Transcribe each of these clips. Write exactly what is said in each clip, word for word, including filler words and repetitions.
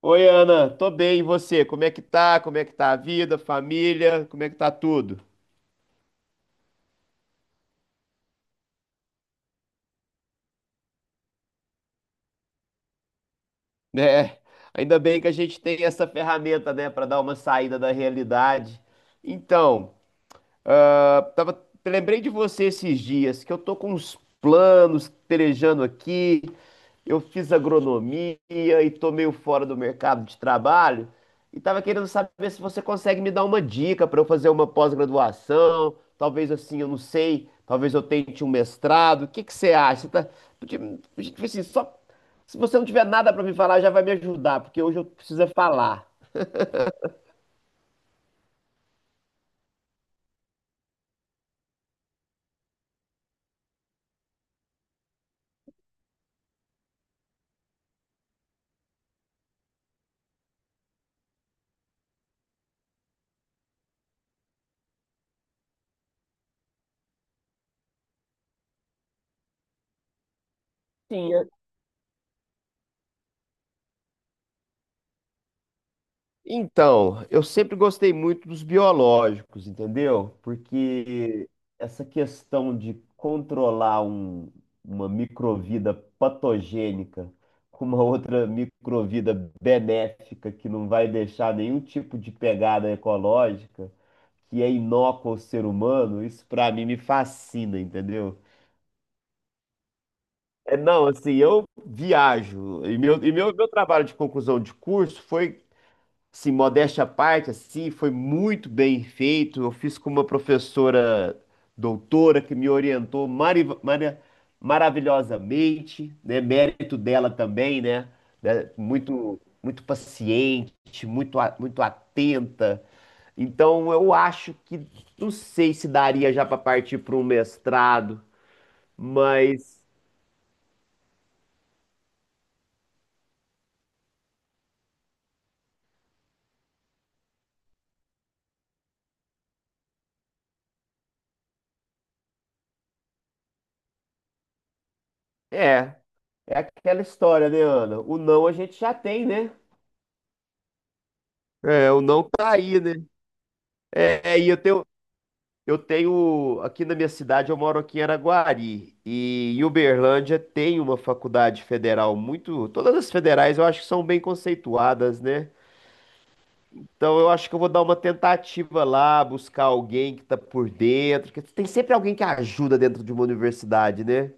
Oi, Ana, tô bem, e você? Como é que tá? Como é que tá a vida, família? Como é que tá tudo? Né? Ainda bem que a gente tem essa ferramenta, né, para dar uma saída da realidade. Então, Ah, tava, lembrei de você esses dias, que eu tô com uns planos pelejando aqui. Eu fiz agronomia e tô meio fora do mercado de trabalho. E tava querendo saber se você consegue me dar uma dica para eu fazer uma pós-graduação. Talvez assim, eu não sei. Talvez eu tente um mestrado. O que que você acha? Você Tá, tipo assim, só, se você não tiver nada para me falar, já vai me ajudar, porque hoje eu preciso é falar. Sim. Então, eu sempre gostei muito dos biológicos, entendeu? Porque essa questão de controlar um- uma microvida patogênica com uma outra microvida benéfica que não vai deixar nenhum tipo de pegada ecológica, que é inócua ao ser humano, isso pra mim me fascina, entendeu? É, não, assim, eu viajo. E meu, e meu, meu trabalho de conclusão de curso foi, sim, modéstia à parte, assim, foi muito bem feito. Eu fiz com uma professora doutora que me orientou mari- mari- maravilhosamente, né? Mérito dela também, né? Né? Muito, muito paciente, muito, a- muito atenta. Então, eu acho que não sei se daria já para partir para um mestrado, mas é, é aquela história, né, Ana? O não a gente já tem, né? É, o não tá aí, né? É, e eu tenho, Eu tenho, aqui na minha cidade, eu moro aqui em Araguari, e em Uberlândia tem uma faculdade federal muito, todas as federais eu acho que são bem conceituadas, né? Então eu acho que eu vou dar uma tentativa lá, buscar alguém que tá por dentro, porque tem sempre alguém que ajuda dentro de uma universidade, né?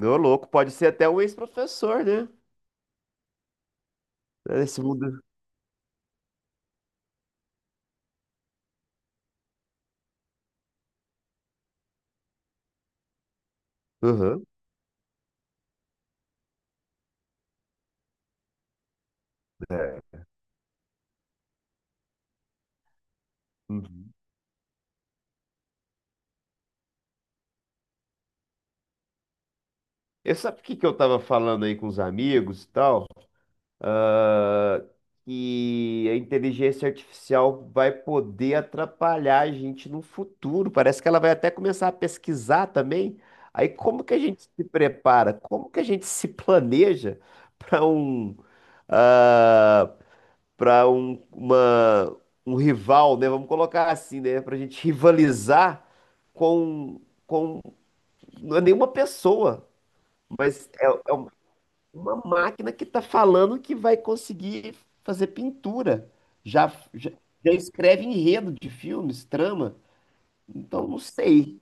Meu louco, pode ser até um ex-professor, né? Nesse mundo. Aham. É. Uhum. Eu sabe o que que eu tava falando aí com os amigos e tal? Ah, que a inteligência artificial vai poder atrapalhar a gente no futuro. Parece que ela vai até começar a pesquisar também. Aí como que a gente se prepara? Como que a gente se planeja para um para um, uma- um rival, né? Vamos colocar assim, né? Para a gente rivalizar com com não é nenhuma pessoa, mas é, é uma máquina que está falando que vai conseguir fazer pintura. Já, já, já escreve enredo de filmes, trama. Então, não sei.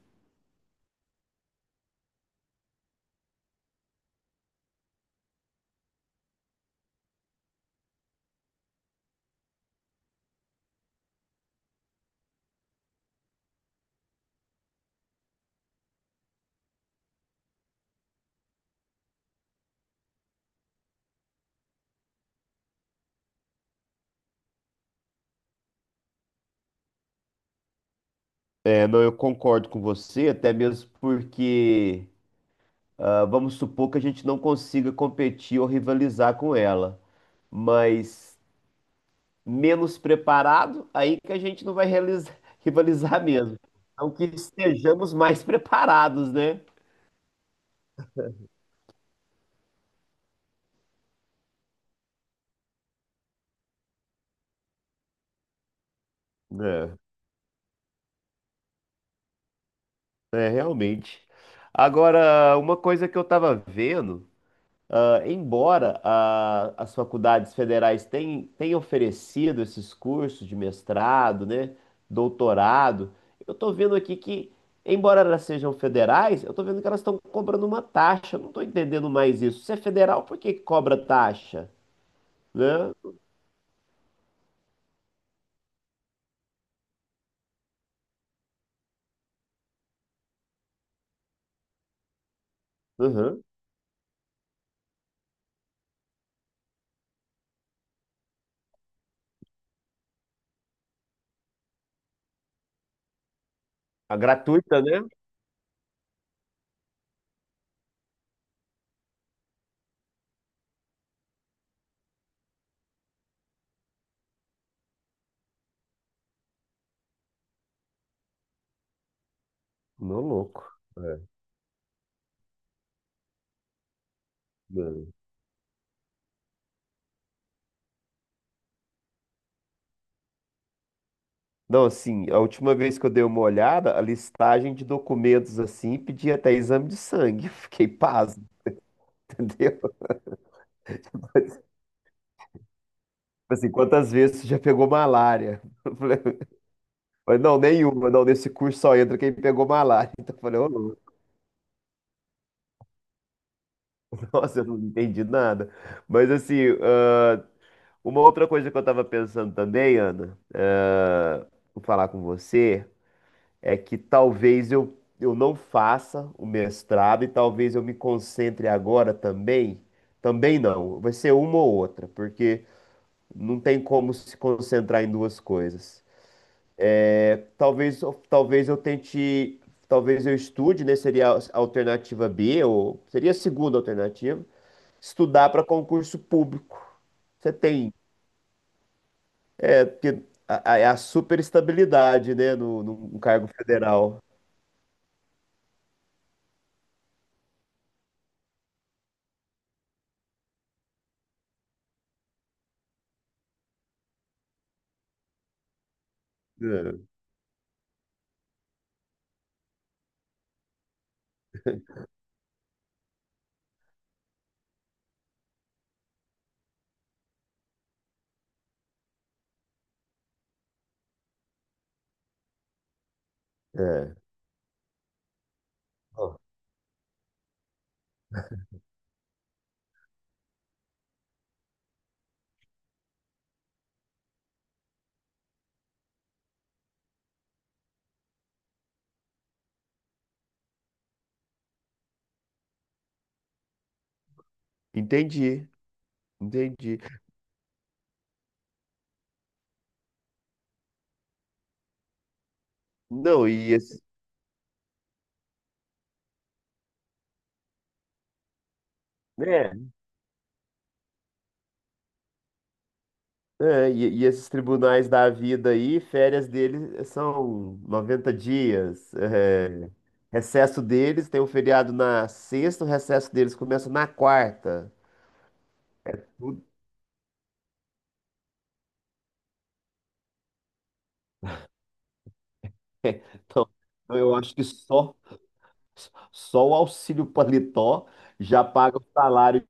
É, não, eu concordo com você, até mesmo porque ah, vamos supor que a gente não consiga competir ou rivalizar com ela. Mas menos preparado, aí que a gente não vai realiza- rivalizar mesmo. Então, que estejamos mais preparados, né? É, realmente. Agora, uma coisa que eu estava vendo, ah, embora ah, as faculdades federais têm, tenham oferecido esses cursos de mestrado, né, doutorado, eu estou vendo aqui que, embora elas sejam federais, eu estou vendo que elas estão cobrando uma taxa. Eu não estou entendendo mais isso. Se é federal, por que que cobra taxa? Né? Uhum. A gratuita, né? Não, louco. É. É. Não, assim, a última vez que eu dei uma olhada, a listagem de documentos, assim, pedia até exame de sangue. Fiquei pasmo, entendeu? Tipo assim, quantas vezes você já pegou malária? Eu falei, mas não, nenhuma. Não, nesse curso só entra quem pegou malária. Então eu falei, ô, louco, nossa, eu não entendi nada. Mas, assim, ah, uma outra coisa que eu tava pensando também, Ana, ah, vou falar com você, é que talvez eu, eu não faça o mestrado e talvez eu me concentre agora também. Também não, vai ser uma ou outra, porque não tem como se concentrar em duas coisas. É, talvez, talvez eu tente, talvez eu estude, né? Seria a alternativa B, ou seria a segunda alternativa, estudar para concurso público. Você tem, é porque a, a, é a super, né, no, no, no cargo federal. É, é. Entendi, entendi. Não, e esse, é, é, e, e esses tribunais da vida aí, férias deles eh, são noventa dias. É, recesso deles tem um feriado na sexta, o recesso deles começa na quarta. Então, então, eu acho que só, só o auxílio paletó já paga o salário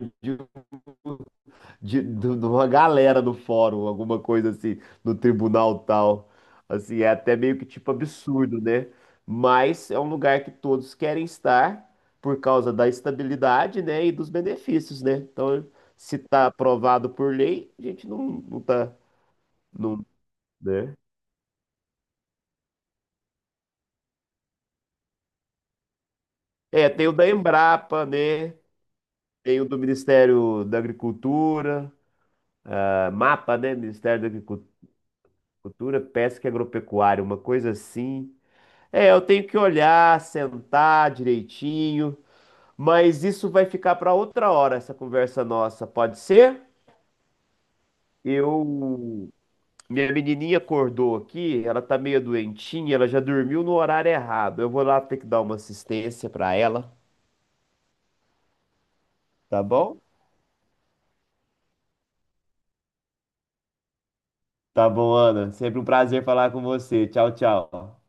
de, de- de uma galera no fórum, alguma coisa assim, no tribunal tal. Assim, é até meio que tipo absurdo, né? Mas é um lugar que todos querem estar por causa da estabilidade, né, e dos benefícios, né? Então, se está aprovado por lei, a gente não, não tá, não, né? É, tem o da Embrapa, né? Tem o do Ministério da Agricultura, ah, MAPA, né? Ministério da Agricultura, Pesca e Agropecuária, uma coisa assim. É, eu tenho que olhar, sentar direitinho, mas isso vai ficar para outra hora, essa conversa nossa, pode ser? Eu. Minha menininha acordou aqui, ela tá meio doentinha, ela já dormiu no horário errado. Eu vou lá ter que dar uma assistência para ela, tá bom? Tá bom, Ana. Sempre um prazer falar com você. Tchau, tchau.